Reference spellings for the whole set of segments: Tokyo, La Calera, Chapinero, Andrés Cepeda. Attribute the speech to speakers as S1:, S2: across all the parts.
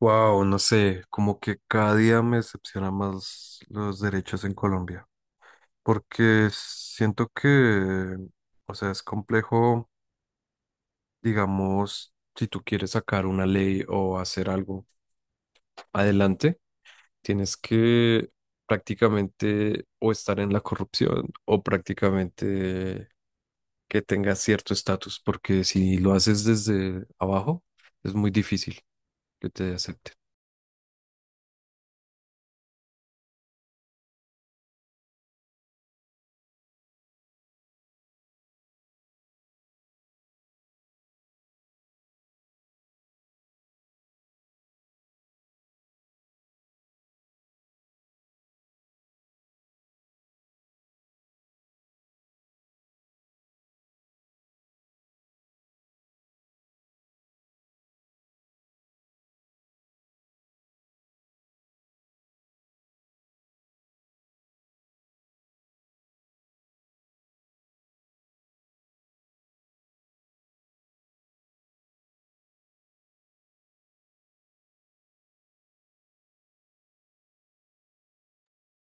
S1: Wow, no sé, como que cada día me decepciona más los derechos en Colombia, porque siento que, o sea, es complejo, digamos, si tú quieres sacar una ley o hacer algo adelante, tienes que prácticamente o estar en la corrupción o prácticamente que tengas cierto estatus, porque si lo haces desde abajo, es muy difícil que te acepten.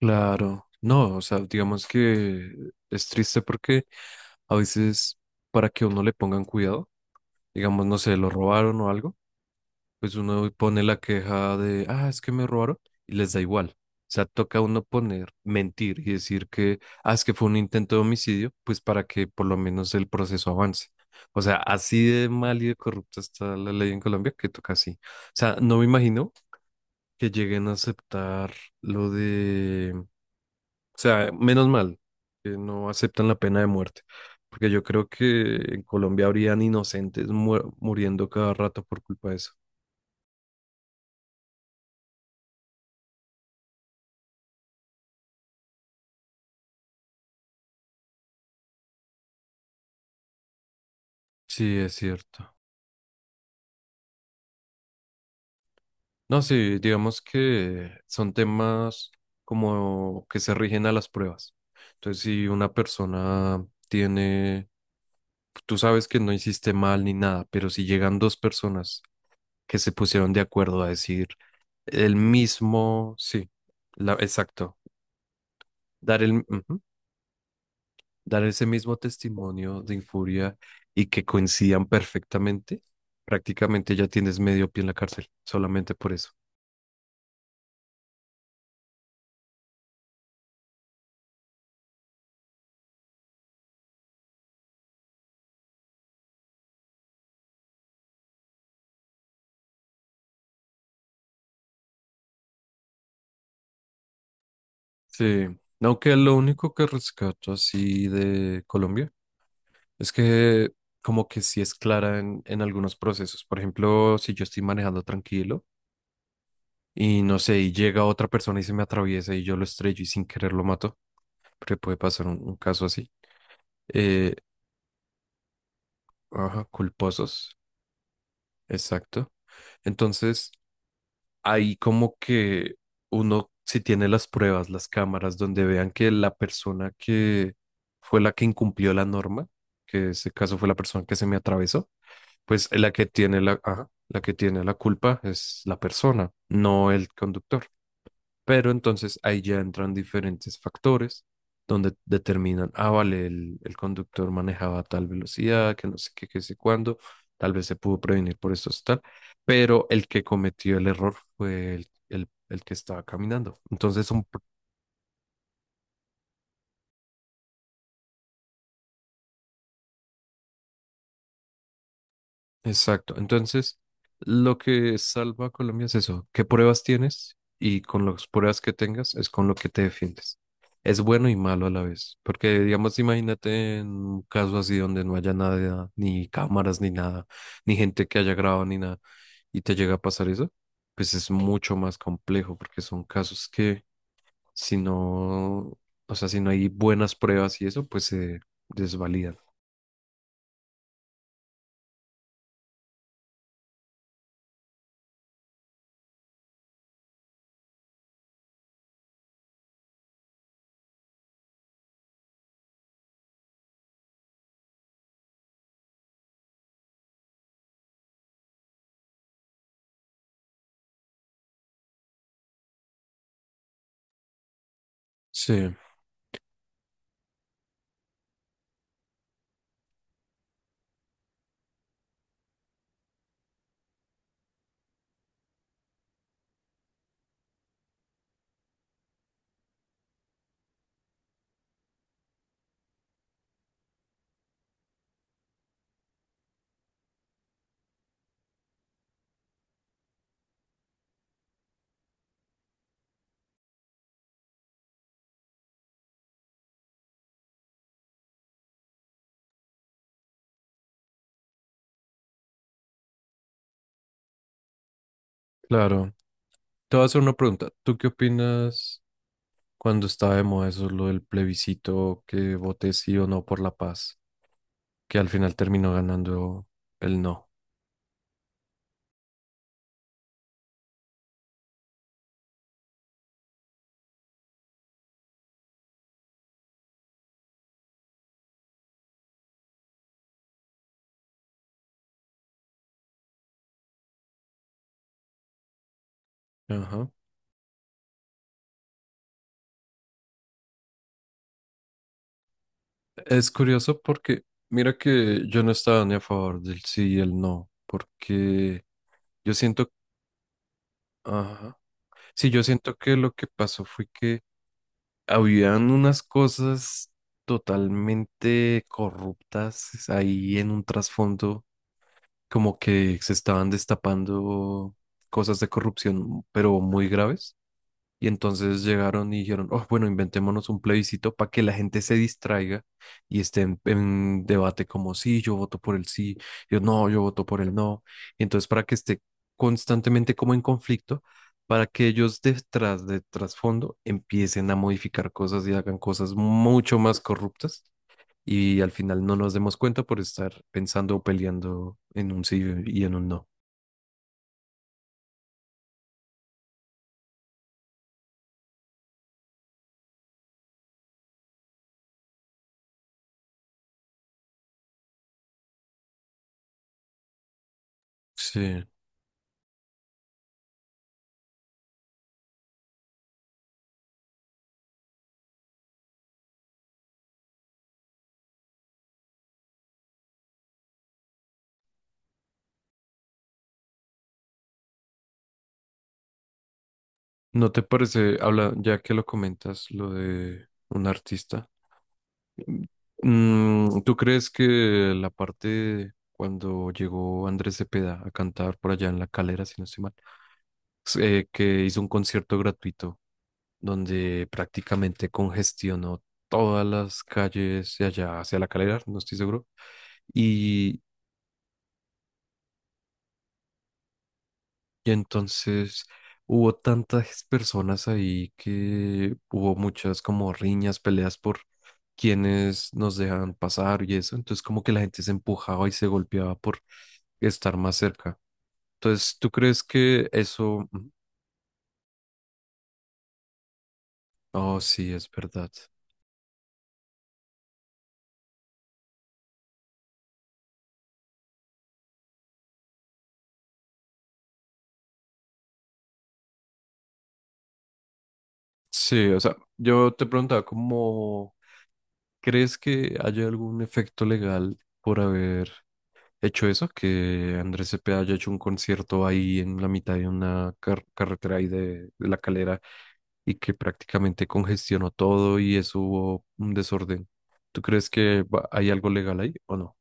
S1: Claro, no, o sea, digamos que es triste porque a veces para que a uno le pongan cuidado, digamos, no sé, lo robaron o algo, pues uno pone la queja de, ah, es que me robaron y les da igual. O sea, toca a uno poner, mentir y decir que, ah, es que fue un intento de homicidio, pues para que por lo menos el proceso avance. O sea, así de mal y de corrupta está la ley en Colombia que toca así. O sea, no me imagino que lleguen a aceptar lo de... O sea, menos mal que no aceptan la pena de muerte, porque yo creo que en Colombia habrían inocentes muriendo cada rato por culpa de eso. Sí, es cierto. No, sí, digamos que son temas como que se rigen a las pruebas. Entonces, si una persona tiene, tú sabes que no hiciste mal ni nada, pero si llegan dos personas que se pusieron de acuerdo a decir el mismo, sí, la, exacto, ujú. Dar ese mismo testimonio de infuria y que coincidan perfectamente, prácticamente ya tienes medio pie en la cárcel, solamente por eso. Sí, aunque lo único que rescato así de Colombia es que como que sí es clara en algunos procesos. Por ejemplo, si yo estoy manejando tranquilo y no sé, y llega otra persona y se me atraviesa y yo lo estrello y sin querer lo mato, porque puede pasar un caso así. Eh, ajá, culposos, exacto. Entonces... ahí como que uno, si tiene las pruebas, las cámaras, donde vean que la persona que fue la que incumplió la norma, que en ese caso fue la persona que se me atravesó, pues la que tiene la, ajá, la que tiene la culpa es la persona, no el conductor. Pero entonces ahí ya entran diferentes factores donde determinan, ah, vale, el conductor manejaba a tal velocidad, que no sé qué, qué sé cuándo, tal vez se pudo prevenir por eso, tal, pero el que cometió el error fue el que estaba caminando. Entonces son... Exacto. Entonces, lo que salva a Colombia es eso, qué pruebas tienes y con las pruebas que tengas es con lo que te defiendes. Es bueno y malo a la vez, porque digamos, imagínate en un caso así donde no haya nada, ni cámaras, ni nada, ni gente que haya grabado, ni nada, y te llega a pasar eso, pues es mucho más complejo, porque son casos que si no, o sea, si no hay buenas pruebas y eso, pues se desvalidan. Sí, claro. Te voy a hacer una pregunta. ¿Tú qué opinas cuando estaba de moda eso, lo del plebiscito, que voté sí o no por la paz, que al final terminó ganando el no? Ajá. Es curioso porque, mira que yo no estaba ni a favor del sí y el no, porque yo siento, ajá. Sí, yo siento que lo que pasó fue que habían unas cosas totalmente corruptas ahí en un trasfondo como que se estaban destapando cosas de corrupción, pero muy graves. Y entonces llegaron y dijeron, oh, bueno, inventémonos un plebiscito para que la gente se distraiga y esté en debate como, sí, yo voto por el sí, yo no, yo voto por el no. Y entonces para que esté constantemente como en conflicto, para que ellos detrás de trasfondo empiecen a modificar cosas y hagan cosas mucho más corruptas y al final no nos demos cuenta por estar pensando o peleando en un sí y en un no. Sí. ¿No te parece, habla, ya que lo comentas, lo de un artista? ¿Tú crees que la parte cuando llegó Andrés Cepeda a cantar por allá en La Calera, si no estoy mal, que hizo un concierto gratuito donde prácticamente congestionó todas las calles de allá hacia La Calera, no estoy seguro, y... Y entonces hubo tantas personas ahí que hubo muchas como riñas, peleas por quienes nos dejaban pasar y eso. Entonces como que la gente se empujaba y se golpeaba por estar más cerca. Entonces, ¿tú crees que eso... Oh, sí, es verdad. Sí, o sea, yo te preguntaba como, ¿crees que haya algún efecto legal por haber hecho eso, que Andrés Cepeda haya hecho un concierto ahí en la mitad de una carretera ahí de La Calera y que prácticamente congestionó todo y eso hubo un desorden? ¿Tú crees que hay algo legal ahí o no?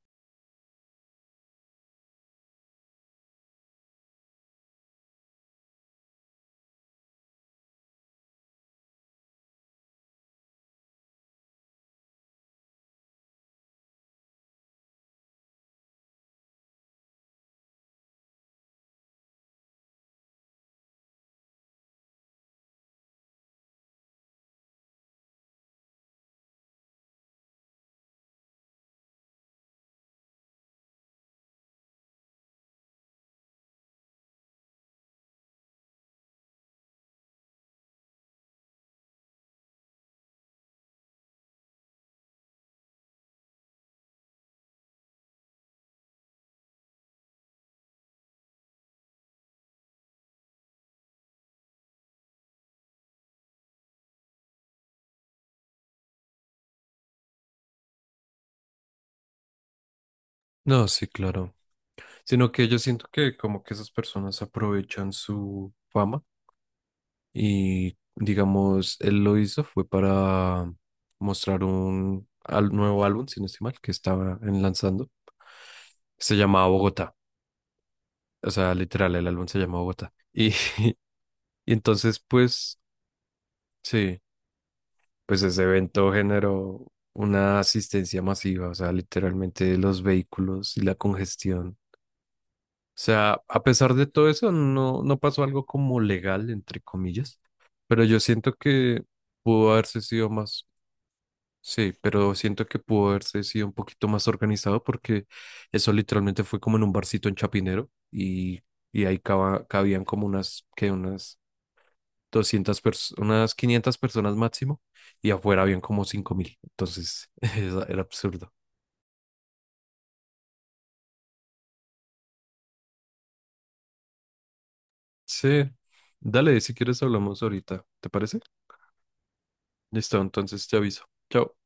S1: No, sí, claro. Sino que yo siento que como que esas personas aprovechan su fama y digamos, él lo hizo fue para mostrar un nuevo álbum, si no estoy mal, que estaba en lanzando. Se llamaba Bogotá. O sea, literal, el álbum se llama Bogotá. Y y entonces, pues, sí, pues ese evento generó una asistencia masiva, o sea, literalmente los vehículos y la congestión. O sea, a pesar de todo eso, no, no pasó algo como legal, entre comillas, pero yo siento que pudo haberse sido más, sí, pero siento que pudo haberse sido un poquito más organizado porque eso literalmente fue como en un barcito en Chapinero y ahí cabían como unas, que unas 200 personas, unas 500 personas máximo, y afuera habían como 5.000. Entonces era absurdo. Sí, dale, si quieres hablamos ahorita, ¿te parece? Listo, entonces te aviso. Chao.